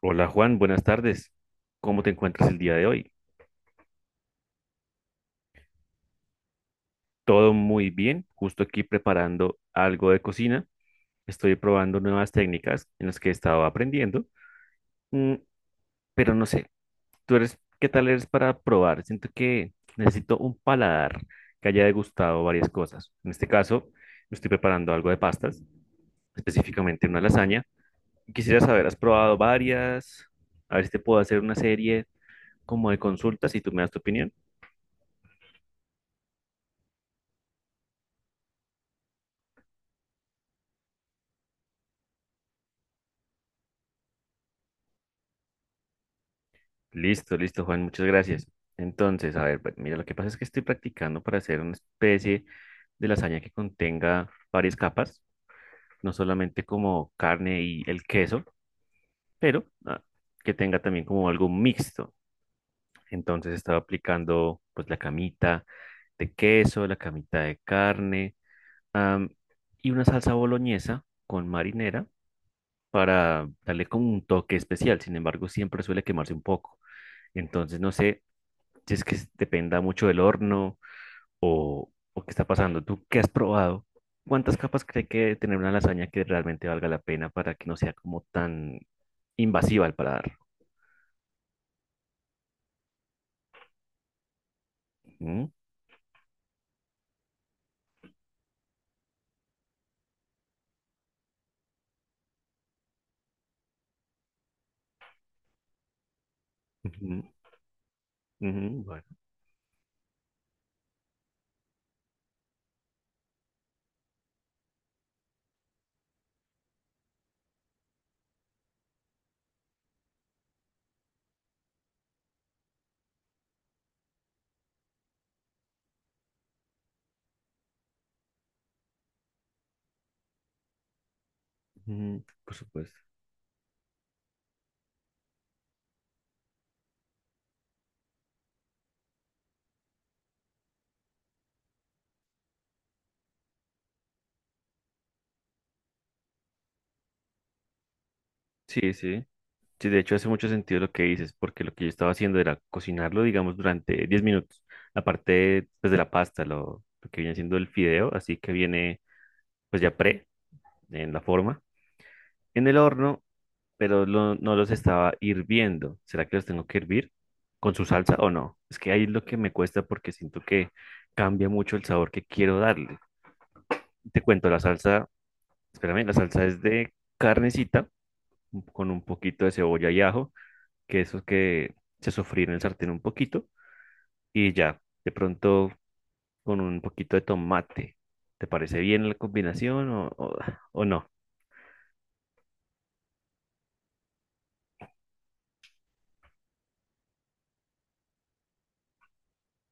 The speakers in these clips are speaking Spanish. Hola Juan, buenas tardes. ¿Cómo te encuentras el día de hoy? Todo muy bien, justo aquí preparando algo de cocina. Estoy probando nuevas técnicas en las que he estado aprendiendo. Mm, pero no sé, ¿tú eres, qué tal eres para probar? Siento que necesito un paladar que haya degustado varias cosas. En este caso, estoy preparando algo de pastas, específicamente una lasaña. Quisiera saber, ¿has probado varias? A ver si te puedo hacer una serie como de consultas y tú me das tu opinión. Listo, listo, Juan, muchas gracias. Entonces, a ver, pues, mira, lo que pasa es que estoy practicando para hacer una especie de lasaña que contenga varias capas, no solamente como carne y el queso, pero que tenga también como algo mixto. Entonces, estaba aplicando pues la camita de queso, la camita de carne, am, y una salsa boloñesa con marinera para darle como un toque especial. Sin embargo, siempre suele quemarse un poco. Entonces, no sé si es que dependa mucho del horno o qué está pasando. ¿Tú qué has probado? ¿Cuántas capas cree que debe tener una lasaña que realmente valga la pena para que no sea como tan invasiva al paladar? ¿Mm? Ujú, ujú, bueno. Ujú, por supuesto. Sí, sí. Sí, de hecho hace mucho sentido lo que dices, porque lo que yo estaba haciendo era cocinarlo, digamos, durante 10 minutos. Aparte, pues, de la pasta, lo que viene siendo el fideo, así que viene, pues, ya pre, en la forma. En el horno, pero lo- no los estaba hirviendo. ¿Será que los tengo que hervir con su salsa o no? Es que ahí es lo que me cuesta porque siento que cambia mucho el sabor que quiero darle. Te cuento, la salsa, espérame, la salsa es de carnecita con un poquito de cebolla y ajo, que esos que se sofríen en el sartén un poquito y ya, de pronto con un poquito de tomate. ¿Te parece bien la combinación o no?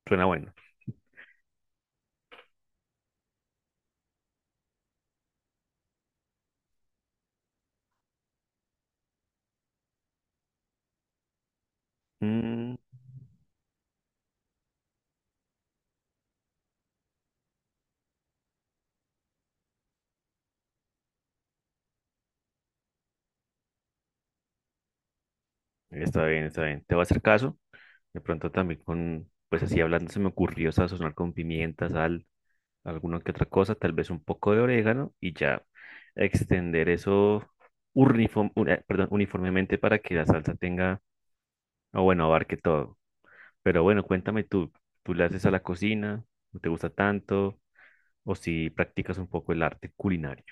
Suena bueno. Mm. Está bien, está bien. Te voy a hacer caso. De pronto también con, pues así hablando, se me ocurrió sazonar con pimienta, sal, alguna que otra cosa, tal vez un poco de orégano y ya extender eso uniform- un- perdón, uniformemente para que la salsa tenga, o bueno, abarque todo. Pero bueno, cuéntame tú, ¿tú le haces a la cocina? ¿No te gusta tanto? ¿O si practicas un poco el arte culinario?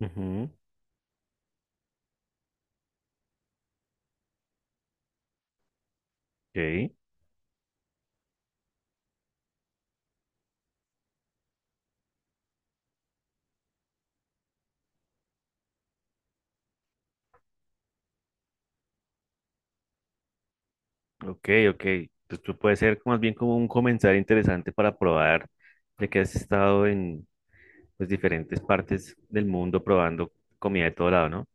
Ujú. Ok. Ok, ok. Pues tú puede ser más bien como un comentario interesante para probar, ya que has estado en pues, diferentes partes del mundo probando comida de todo lado, ¿no?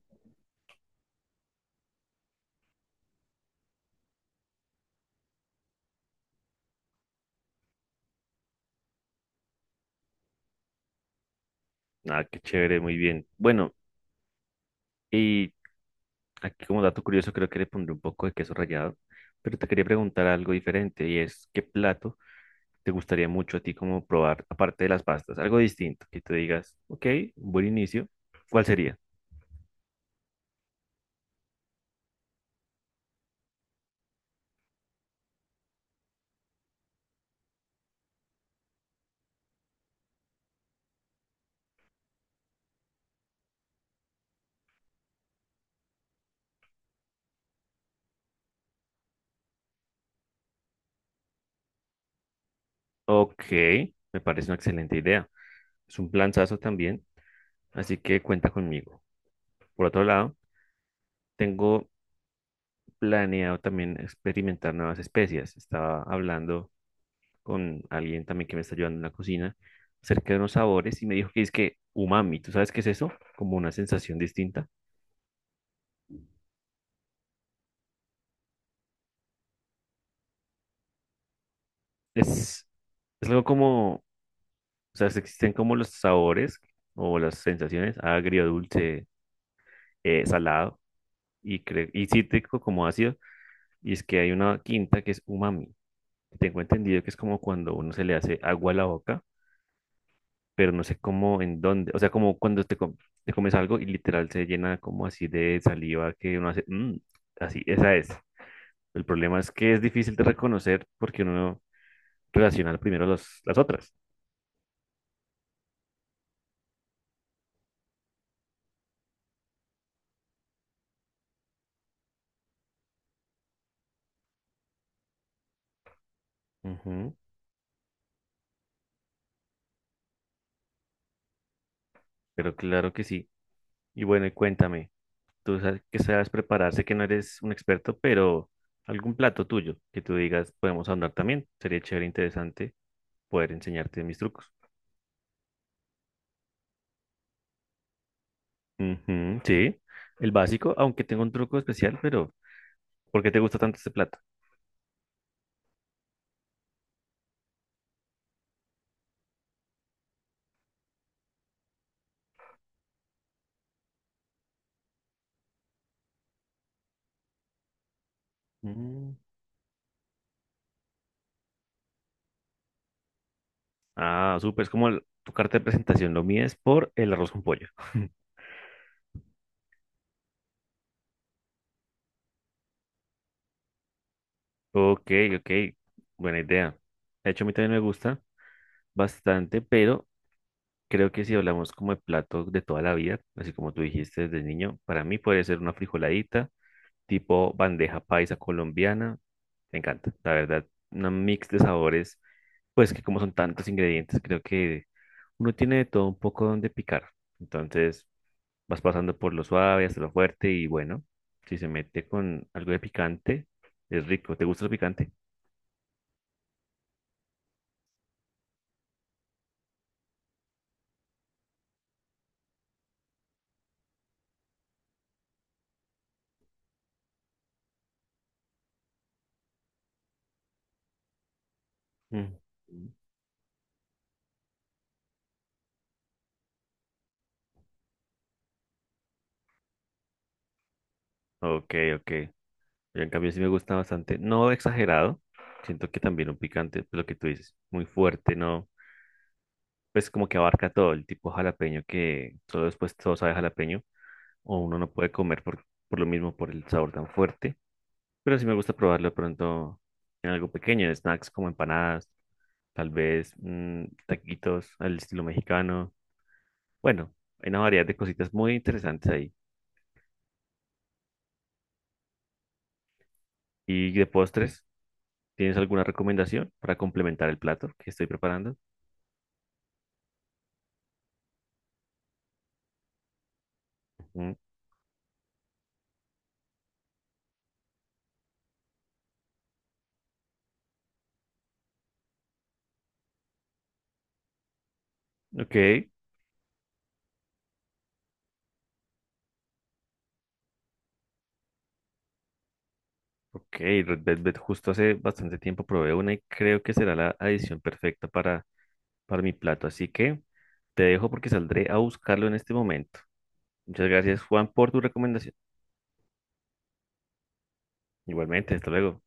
Ah, qué chévere, muy bien. Bueno, y aquí como dato curioso creo que le pondré un poco de queso rallado, pero te quería preguntar algo diferente y es, ¿qué plato te gustaría mucho a ti como probar, aparte de las pastas? Algo distinto, que tú digas, ok, buen inicio, ¿cuál sería? Ok, me parece una excelente idea. Es un planzazo también, así que cuenta conmigo. Por otro lado, tengo planeado también experimentar nuevas especies. Estaba hablando con alguien también que me está ayudando en la cocina acerca de unos sabores y me dijo que es que umami, ¿tú sabes qué es eso? Como una sensación distinta. Es, es algo como, o sea, existen como los sabores o las sensaciones agrio, dulce, salado y, cre- y cítrico como ácido. Y es que hay una quinta que es umami. Tengo entendido que es como cuando uno se le hace agua a la boca, pero no sé cómo, en dónde. O sea, como cuando te, com- te comes algo y literal se llena como así de saliva que uno hace, "Mm", así, esa es. El problema es que es difícil de reconocer porque uno relaciona primero los, las otras. Ujú, pero claro que sí. Y bueno, y cuéntame, tú sabes que sabes prepararse, que no eres un experto, pero algún plato tuyo que tú digas podemos andar también. Sería chévere, interesante poder enseñarte mis trucos. Ujú, sí, el básico, aunque tengo un truco especial, pero ¿por qué te gusta tanto este plato? Mm. Ah, súper, es como el- tu carta de presentación, lo mío es por el arroz con pollo. Ok, ok, buena idea. De hecho, a mí también me gusta bastante, pero creo que si hablamos como de platos de toda la vida, así como tú dijiste desde niño, para mí puede ser una frijoladita, tipo bandeja paisa colombiana. Me encanta, la verdad, una mix de sabores. Pues que como son tantos ingredientes, creo que uno tiene de todo un poco donde picar. Entonces vas pasando por lo suave hasta lo fuerte y bueno, si se mete con algo de picante, es rico. ¿Te gusta el picante? Mm. Ok, ok. Yo en cambio sí me gusta bastante. No exagerado. Siento que también un picante, pues, lo que tú dices, muy fuerte, ¿no? Pues como que abarca todo el tipo jalapeño que solo después todo sabe jalapeño o uno no puede comer por lo mismo, por el sabor tan fuerte. Pero sí me gusta probarlo pronto en algo pequeño, snacks como empanadas, tal vez taquitos al estilo mexicano. Bueno, hay una variedad de cositas muy interesantes ahí. Y de postres, ¿tienes alguna recomendación para complementar el plato que estoy preparando? Mm, ok, ok, Red Velvet, justo hace bastante tiempo probé una y creo que será la adición perfecta para mi plato. Así que te dejo porque saldré a buscarlo en este momento. Muchas gracias, Juan, por tu recomendación. Igualmente, hasta luego.